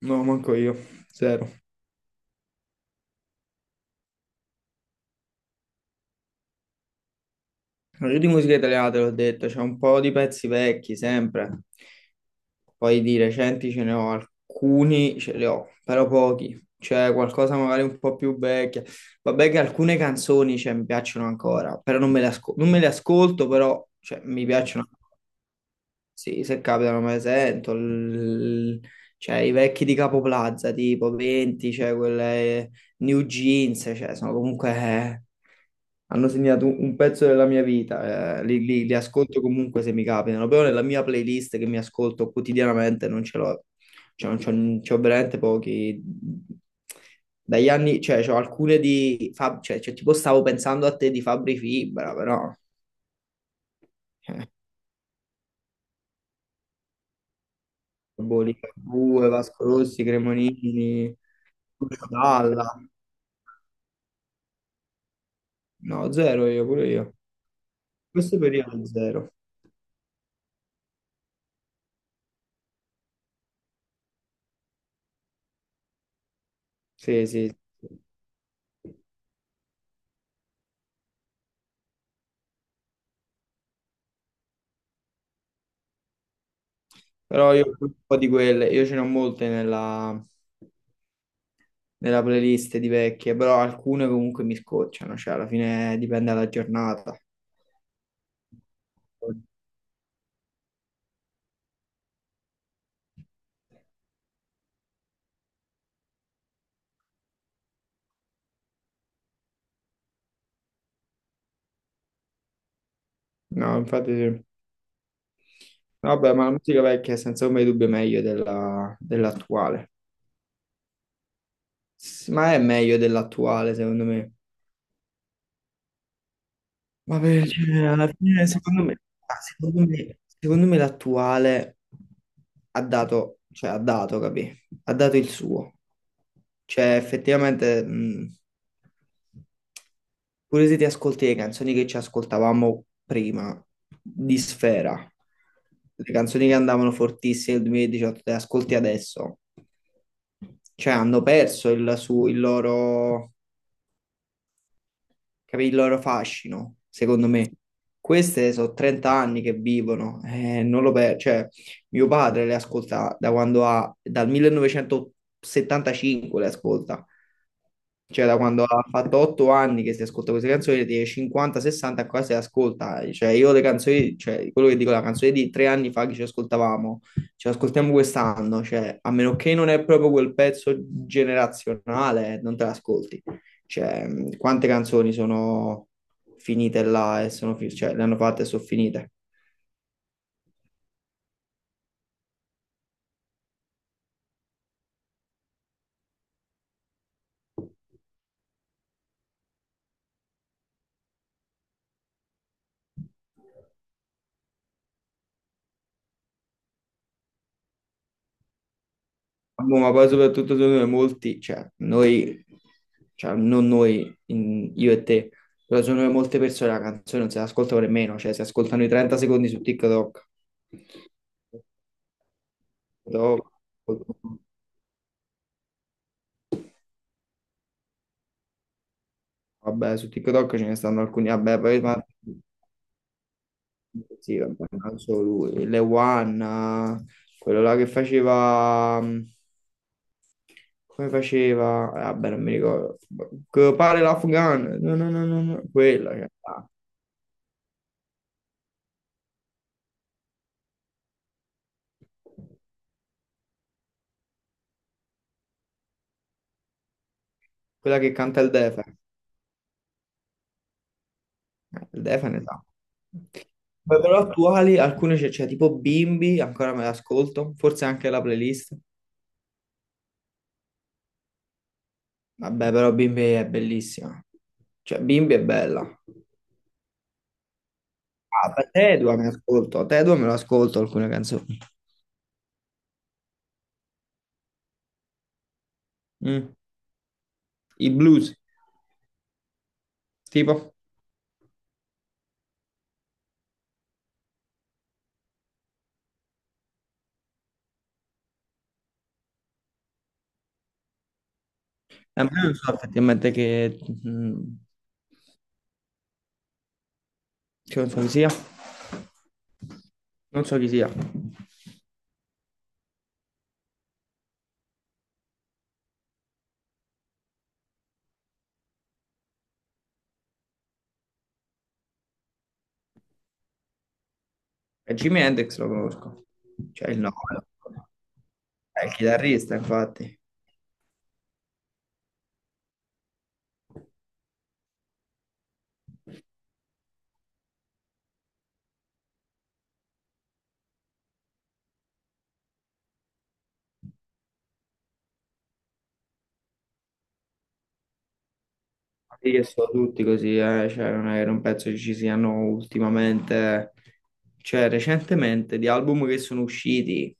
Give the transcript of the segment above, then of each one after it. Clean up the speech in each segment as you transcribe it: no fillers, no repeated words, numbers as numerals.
No, manco io, zero. No, io di musica italiana te l'ho detto, c'è un po' di pezzi vecchi sempre, poi di recenti ce ne ho alcuni, ce li ho, però pochi. C'è qualcosa magari un po' più vecchia. Vabbè che alcune canzoni, cioè, mi piacciono ancora, però non me le ascolto, però cioè, mi piacciono. Sì, se capitano me le sento. Cioè i vecchi di Capo Plaza, tipo 20, cioè quelle New Jeans, cioè sono comunque, hanno segnato un pezzo della mia vita, li ascolto comunque se mi capitano, però nella mia playlist che mi ascolto quotidianamente non ce l'ho, cioè non c'ho veramente pochi, dagli anni, cioè c'ho alcune di, cioè, tipo stavo pensando a te di Fabri Fibra, però... eh, Boh, Ligabue, Vasco Rossi, Cremonini, Lucio Dalla. No, zero io, pure io. Questo periodo è zero. Sì, sì, sì. Però io ho un po' di quelle, io ce ne ho molte nella playlist di vecchie, però alcune comunque mi scocciano, cioè alla fine dipende dalla giornata. No, infatti sì. Vabbè, ma la musica vecchia è senza ombra di dubbio meglio dell'attuale. Ma è meglio dell'attuale, secondo me. Vabbè, cioè, alla fine, secondo me, secondo me l'attuale ha dato, cioè ha dato, capì? Ha dato il suo. Cioè, effettivamente, pure se ti ascolti le canzoni che ci ascoltavamo prima di Sfera, le canzoni che andavano fortissime nel 2018, te le ascolti adesso, cioè hanno perso il loro, capì, il loro fascino, secondo me. Queste sono 30 anni che vivono, non lo per- cioè, mio padre le ascolta dal 1975 le ascolta, cioè da quando ha fatto 8 anni che si ascolta queste canzoni, di 50-60 qua si ascolta, cioè io le canzoni, cioè quello che dico, la canzone di 3 anni fa che ci ascoltavamo, ci ascoltiamo quest'anno, cioè a meno che non è proprio quel pezzo generazionale, non te l'ascolti. Cioè, quante canzoni sono finite là e cioè, le hanno fatte e sono finite. Boh, ma poi soprattutto secondo me molti, cioè noi, cioè non noi, io e te, però secondo me molte persone la canzone non se l'ascoltano nemmeno, cioè si ascoltano i 30 secondi su TikTok. TikTok, vabbè, su TikTok ce ne stanno alcuni, vabbè, sì, vabbè, non solo lui, Le One, eh, quello là che faceva... Come faceva? Vabbè, non mi ricordo. Quello pare l'Afghan. No, no, no, no, no. Quella che canta il Defe. Il Defe ne sa. Beh, però attuali, alcune c'è tipo Bimbi, ancora me l'ascolto. Forse anche la playlist. Vabbè, però Bimbi è bellissima. Cioè, Bimbi è bella. Ah, beh, Tedua me l'ascolto. Tedua me lo ascolto alcune canzoni. Mm. I blues, tipo. Ma io non so effettivamente mm, che canzone sia. Non so chi sia. E Jimi Hendrix lo conosco. Cioè il nome. È il chitarrista, infatti. Sì, che sono tutti così, cioè, non penso che ci siano ultimamente, cioè recentemente, di album che sono usciti.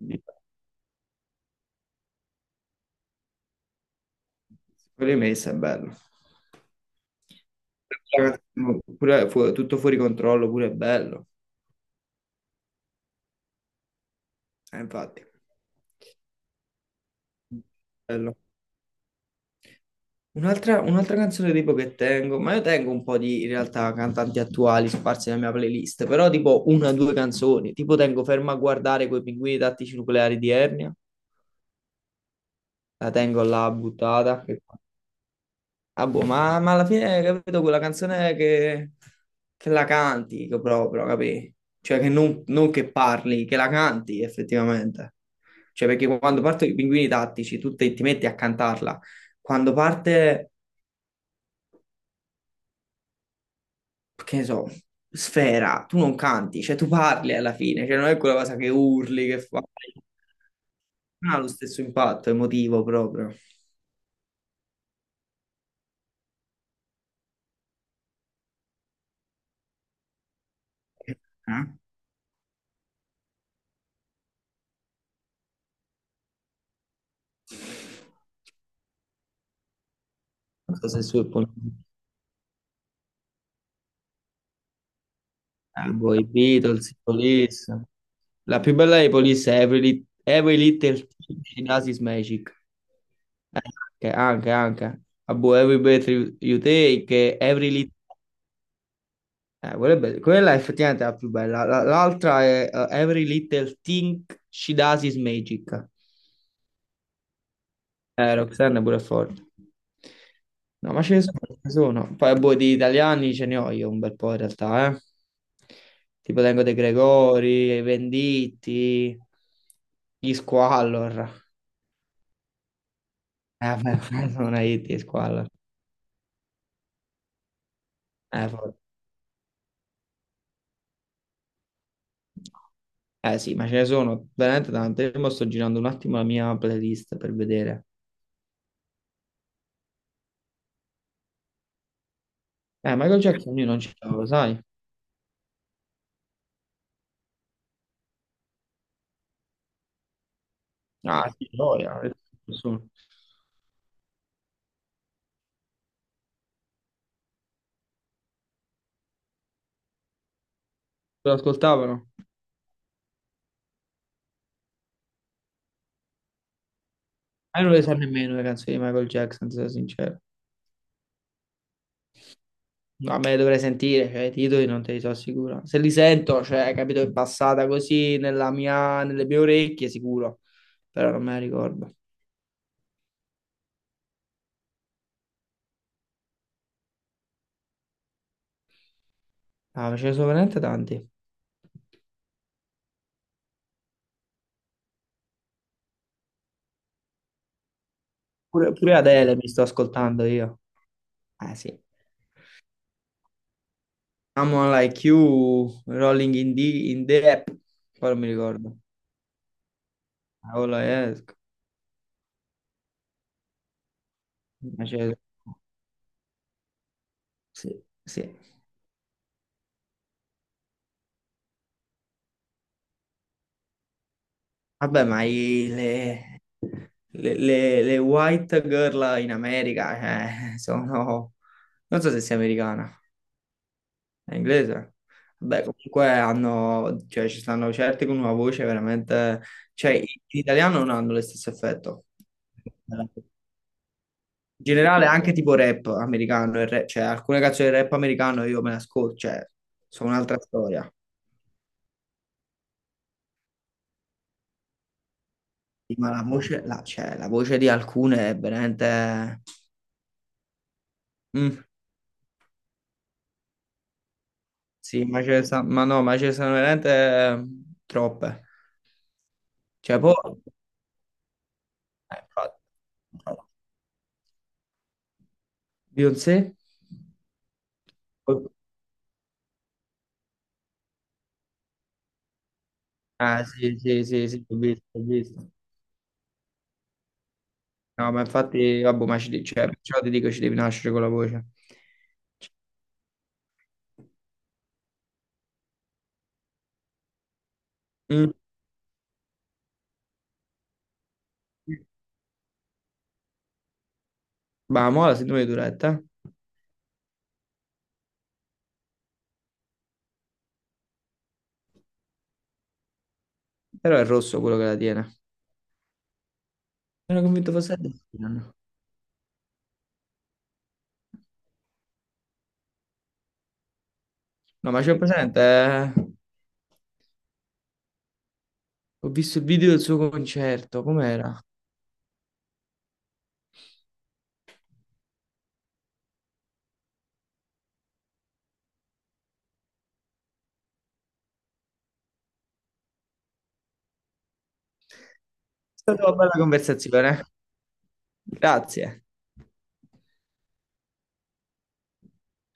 Quello di Messa è bello. Pure, tutto fuori controllo, pure è bello. Infatti, bello. Un'altra canzone tipo che tengo, ma io tengo un po' di in realtà cantanti attuali sparsi nella mia playlist, però tipo una o due canzoni, tipo tengo Ferma a guardare quei pinguini tattici nucleari di Ernia, la tengo là buttata, ah, boh, ma alla fine, capito, quella canzone che la canti che proprio, capì? Cioè che non che parli, che la canti effettivamente. Cioè perché quando partono i pinguini tattici tu ti metti a cantarla, quando parte... che ne so, Sfera, tu non canti, cioè tu parli alla fine, cioè non è quella cosa che urli, che fai, non ha lo stesso impatto emotivo proprio. Eh? Non so se su boh, i Beatles, i Police. La più bella dei Police è Every Little Thing di Nasis Magic. Eh, anche, anche, anche. Ah, boh, every breath you take. Every little quella, è be- Quella è effettivamente la più bella. L'altra è Every Little Thing She Does Is Magic. Roxanne è pure forte. No, ma ce ne sono, ce ne sono. Poi, boh, di italiani ce ne ho io un bel po' in realtà, eh. Tipo tengo De Gregori, i Venditti, gli Squallor. Beh, non hai detto gli Squallor. Forte. Eh sì, ma ce ne sono veramente tante. Io mo sto girando un attimo la mia playlist per vedere. Michael Jackson io non ce l'avevo, sai? Ah, sì, gioia. Nessuno. Lo ascoltavano? Ma io non le so nemmeno le canzoni di Michael Jackson, se sono sincero. No, me le dovrei sentire, cioè, i titoli non te li so sicuro. Se li sento, cioè, capito, è passata così nelle mie orecchie, sicuro. Però non me la ricordo. Ah, ma ce ne sono veramente tanti. Pure Adele mi sto ascoltando io. Ah, sì. Someone Like You, Rolling in the App. Poi non mi ricordo. Ah, quello è- ma ce ne sono. Sì, sì. Vabbè, le white girl in America, sono... Non so se sia americana, è inglese. Vabbè, comunque hanno... Cioè, ci stanno certi con una voce veramente... Cioè, in italiano non hanno lo stesso effetto. In generale, anche tipo rap americano, cioè, alcune canzoni del rap americano io me le ascolto, cioè, sono un'altra storia. Sì, ma la voce, la voce di alcune è veramente... Mm. Sì, ma no, ma ce ne sono veramente troppe. Cioè, poi... infatti. Infatti. Beyoncé? Ah, sì, sì, sì, sì, ho visto, ho visto. No, ma infatti, vabbè, cioè, perciò ti dico, ci devi nascere con la voce. Mm. Ma mo la sindrome di Tourette, eh? Però è rosso quello che la tiene. Ero convinto fosse Ed Sheeran. No, ma c'è presente? Ho visto il video del suo concerto, com'era? È stata una bella conversazione. Grazie.